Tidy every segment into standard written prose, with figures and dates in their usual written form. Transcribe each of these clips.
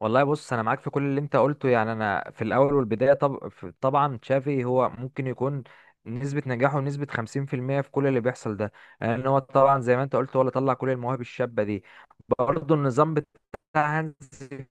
والله بص، انا معاك في كل اللي انت قلته. يعني انا في الاول والبدايه، طبعا تشافي هو ممكن يكون نسبه نجاحه نسبه 50% في المية في كل اللي بيحصل ده. لان هو طبعا زي ما انت قلت، هو اللي طلع كل المواهب الشابه دي. برضه النظام بتاع هانز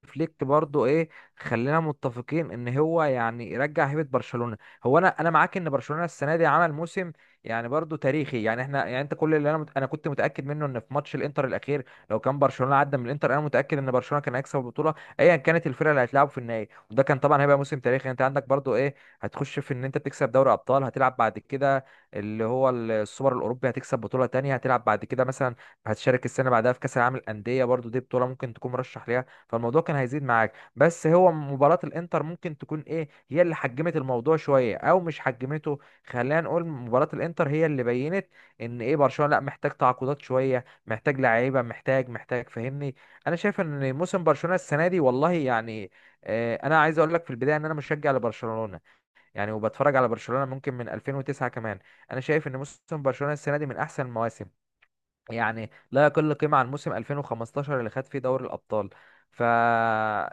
فليك، برضه ايه، خلينا متفقين ان هو يعني يرجع هيبه برشلونه. هو انا معاك ان برشلونه السنه دي عمل موسم يعني برضه تاريخي. يعني احنا، يعني انت، كل اللي انا كنت متاكد منه ان في ماتش الانتر الاخير، لو كان برشلونه عدى من الانتر انا متاكد ان برشلونه كان هيكسب البطوله ايا كانت الفرقه اللي هتلعبوا في النهائي. وده كان طبعا هيبقى موسم تاريخي. يعني انت عندك برضو ايه، هتخش في ان انت تكسب دوري ابطال، هتلعب بعد كده اللي هو السوبر الاوروبي، هتكسب بطوله تانية، هتلعب بعد كده مثلا هتشارك السنه بعدها في كاس العالم للانديه، برضو دي بطوله ممكن تكون مرشح ليها. فالموضوع كان هيزيد معاك، بس هو مباراه الانتر ممكن تكون ايه، هي اللي حجمت الموضوع شويه او مش حجمته. خلينا نقول مباراه الانتر هي اللي بينت ان ايه، برشلونه لا محتاج تعاقدات شويه، محتاج لعيبه، محتاج، فاهمني. انا شايف ان موسم برشلونه السنه دي والله يعني، آه، انا عايز اقول لك في البدايه ان انا مشجع لبرشلونه. يعني وبتفرج على برشلونه ممكن من 2009 كمان. انا شايف ان موسم برشلونه السنه دي من احسن المواسم، يعني لا يقل قيمه عن موسم 2015 اللي خد فيه دوري الابطال. ف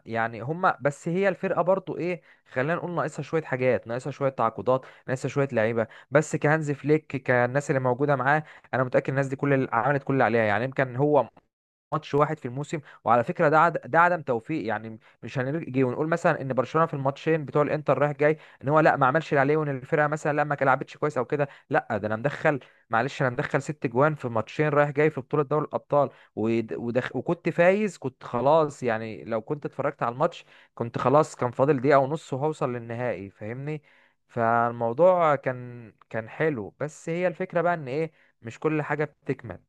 يعني هما بس هي الفرقه برضو ايه، خلينا نقول ناقصها شويه حاجات، ناقصها شويه تعاقدات، ناقصها شويه لعيبه. بس كهانز فليك، كالناس اللي موجوده معاه، انا متاكد الناس دي كل اللي عملت كل اللي عليها. يعني يمكن هو ماتش واحد في الموسم، وعلى فكره ده ده عدم توفيق. يعني مش هنيجي ونقول مثلا ان برشلونه في الماتشين بتوع الانتر رايح جاي ان هو لا، ما عملش اللي عليه، وان الفرقه مثلا لا ما لعبتش كويس او كده. لا، ده انا مدخل، معلش، انا مدخل ست جوان في ماتشين رايح جاي في بطوله دوري الابطال. وكنت فايز، كنت خلاص. يعني لو كنت اتفرجت على الماتش، كنت خلاص كان فاضل دقيقه ونص وهوصل للنهائي، فاهمني. فالموضوع كان حلو، بس هي الفكره بقى ان ايه، مش كل حاجه بتكمل.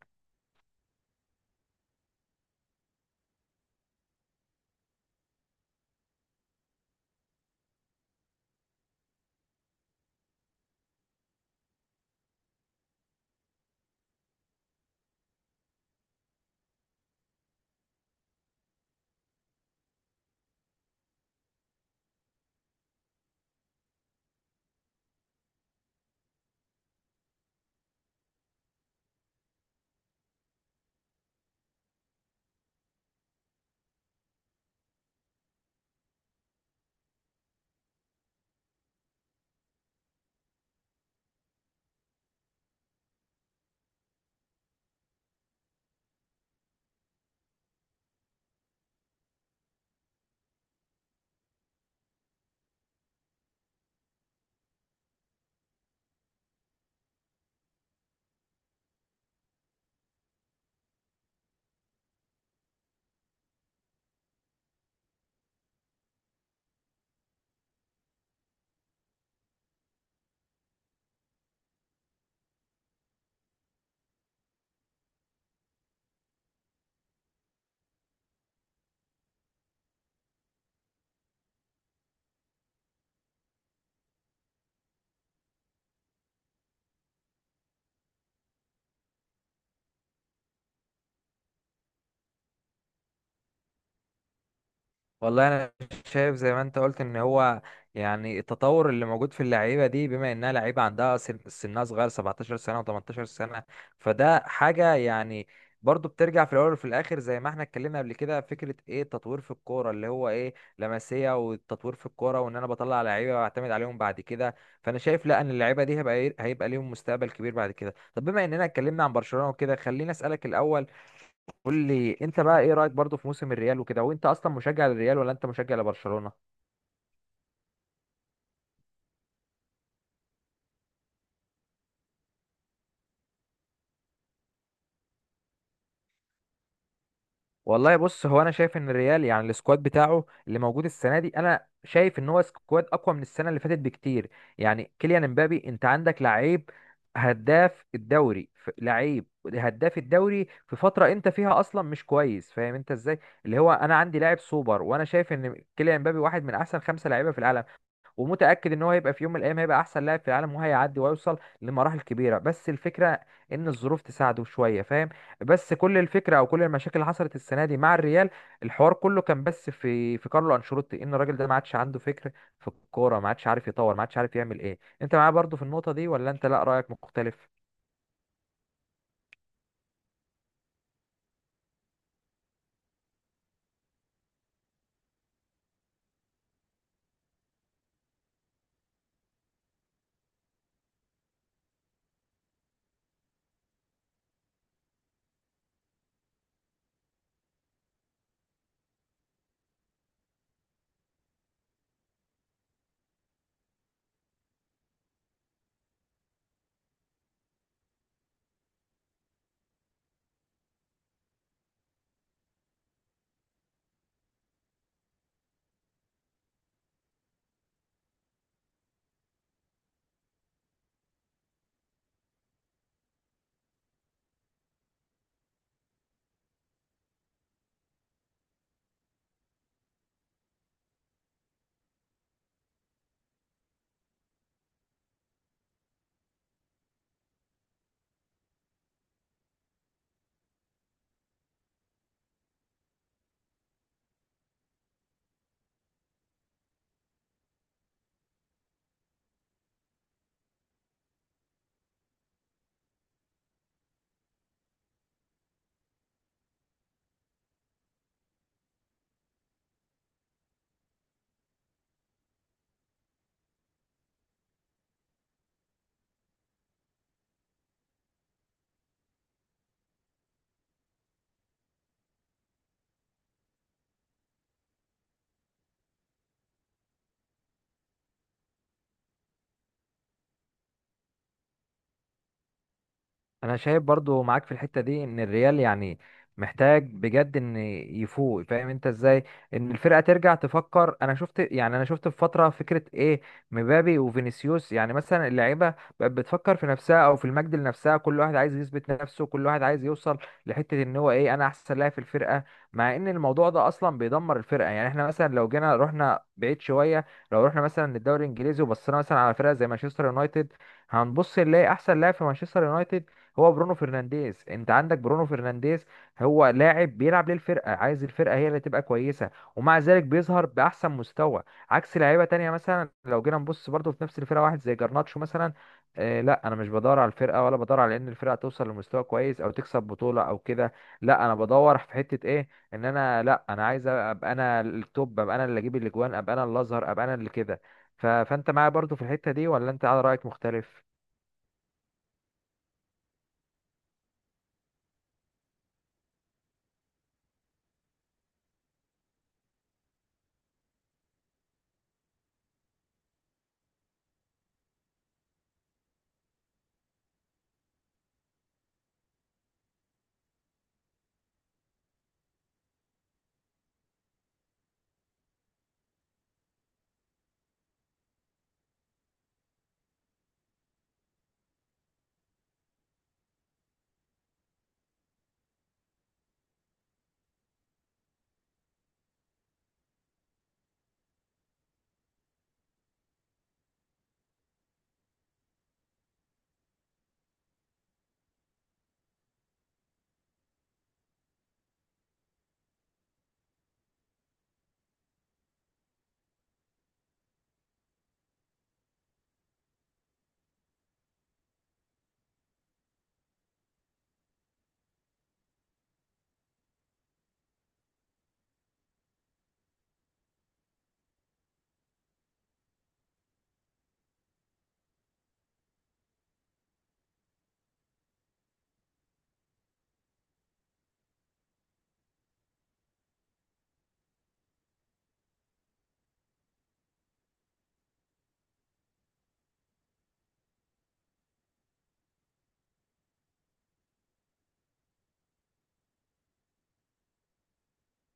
والله انا شايف زي ما انت قلت ان هو يعني التطور اللي موجود في اللعيبه دي، بما انها لعيبه عندها سنها صغير، 17 سنه و18 سنه، فده حاجه يعني. برضو بترجع في الاول وفي الاخر زي ما احنا اتكلمنا قبل كده، فكره ايه التطوير في الكوره اللي هو ايه لمسيه، والتطوير في الكوره، وان انا بطلع لعيبه واعتمد عليهم بعد كده. فانا شايف لا، ان اللعيبه دي هيبقى إيه، هيبقى ليهم مستقبل كبير بعد كده. طب بما اننا اتكلمنا عن برشلونه وكده، خليني اسالك الاول، قول لي انت بقى ايه رايك برضو في موسم الريال وكده، وانت اصلا مشجع للريال ولا انت مشجع لبرشلونه؟ والله بص، هو انا شايف ان الريال يعني السكواد بتاعه اللي موجود السنه دي، انا شايف ان هو سكواد اقوى من السنه اللي فاتت بكتير. يعني كيليان امبابي، انت عندك لعيب هداف الدوري، لعيب هداف الدوري في فتره انت فيها اصلا مش كويس، فاهم انت ازاي، اللي هو انا عندي لاعب سوبر. وانا شايف ان كيليان امبابي واحد من احسن خمسه لعيبه في العالم، ومتأكد ان هو هيبقى في يوم من الايام هيبقى احسن لاعب في العالم، وهيعدي وهيوصل لمراحل كبيرة. بس الفكرة ان الظروف تساعده شوية، فاهم. بس كل الفكرة او كل المشاكل اللي حصلت السنة دي مع الريال، الحوار كله كان بس في كارلو انشيلوتي، ان الراجل ده ما عادش عنده فكر في الكورة، ما عادش عارف يطور، ما عادش عارف يعمل ايه. انت معايا برضو في النقطة دي ولا انت لا رأيك مختلف؟ انا شايف برضو معاك في الحتة دي ان الريال يعني محتاج بجد ان يفوق، فاهم انت ازاي، ان الفرقة ترجع تفكر. انا شفت يعني انا شفت في فترة فكرة ايه، مبابي وفينيسيوس، يعني مثلا اللعيبة بقت بتفكر في نفسها او في المجد لنفسها، كل واحد عايز يثبت نفسه، كل واحد عايز يوصل لحتة ان هو ايه، انا احسن لاعب في الفرقة. مع ان الموضوع ده اصلا بيدمر الفرقة. يعني احنا مثلا لو جينا رحنا بعيد شوية، لو رحنا مثلا للدوري الانجليزي وبصينا مثلا على فرقة زي مانشستر يونايتد، هنبص نلاقي احسن لاعب في مانشستر يونايتد هو برونو فرنانديز. انت عندك برونو فرنانديز هو لاعب بيلعب للفرقه، عايز الفرقه هي اللي تبقى كويسه، ومع ذلك بيظهر باحسن مستوى. عكس لعيبه تانية، مثلا لو جينا نبص برضو في نفس الفرقه واحد زي جرناتشو مثلا، آه لا، انا مش بدور على الفرقه، ولا بدور على ان الفرقه توصل لمستوى كويس او تكسب بطوله او كده. لا، انا بدور في حته ايه، ان انا لا، انا عايز ابقى انا التوب، ابقى انا اللي اجيب الاجوان، ابقى انا اللي اظهر، ابقى انا اللي كده. فانت معايا برضو في الحته دي ولا انت على رايك مختلف؟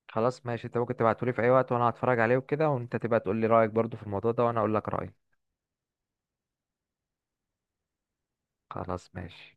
خلاص ماشي، انت ممكن تبعتولي في اي وقت، وانا هتفرج عليه وكده، وانت تبقى تقول لي رايك برضو في الموضوع ده، وانا اقول لك رايي. خلاص ماشي.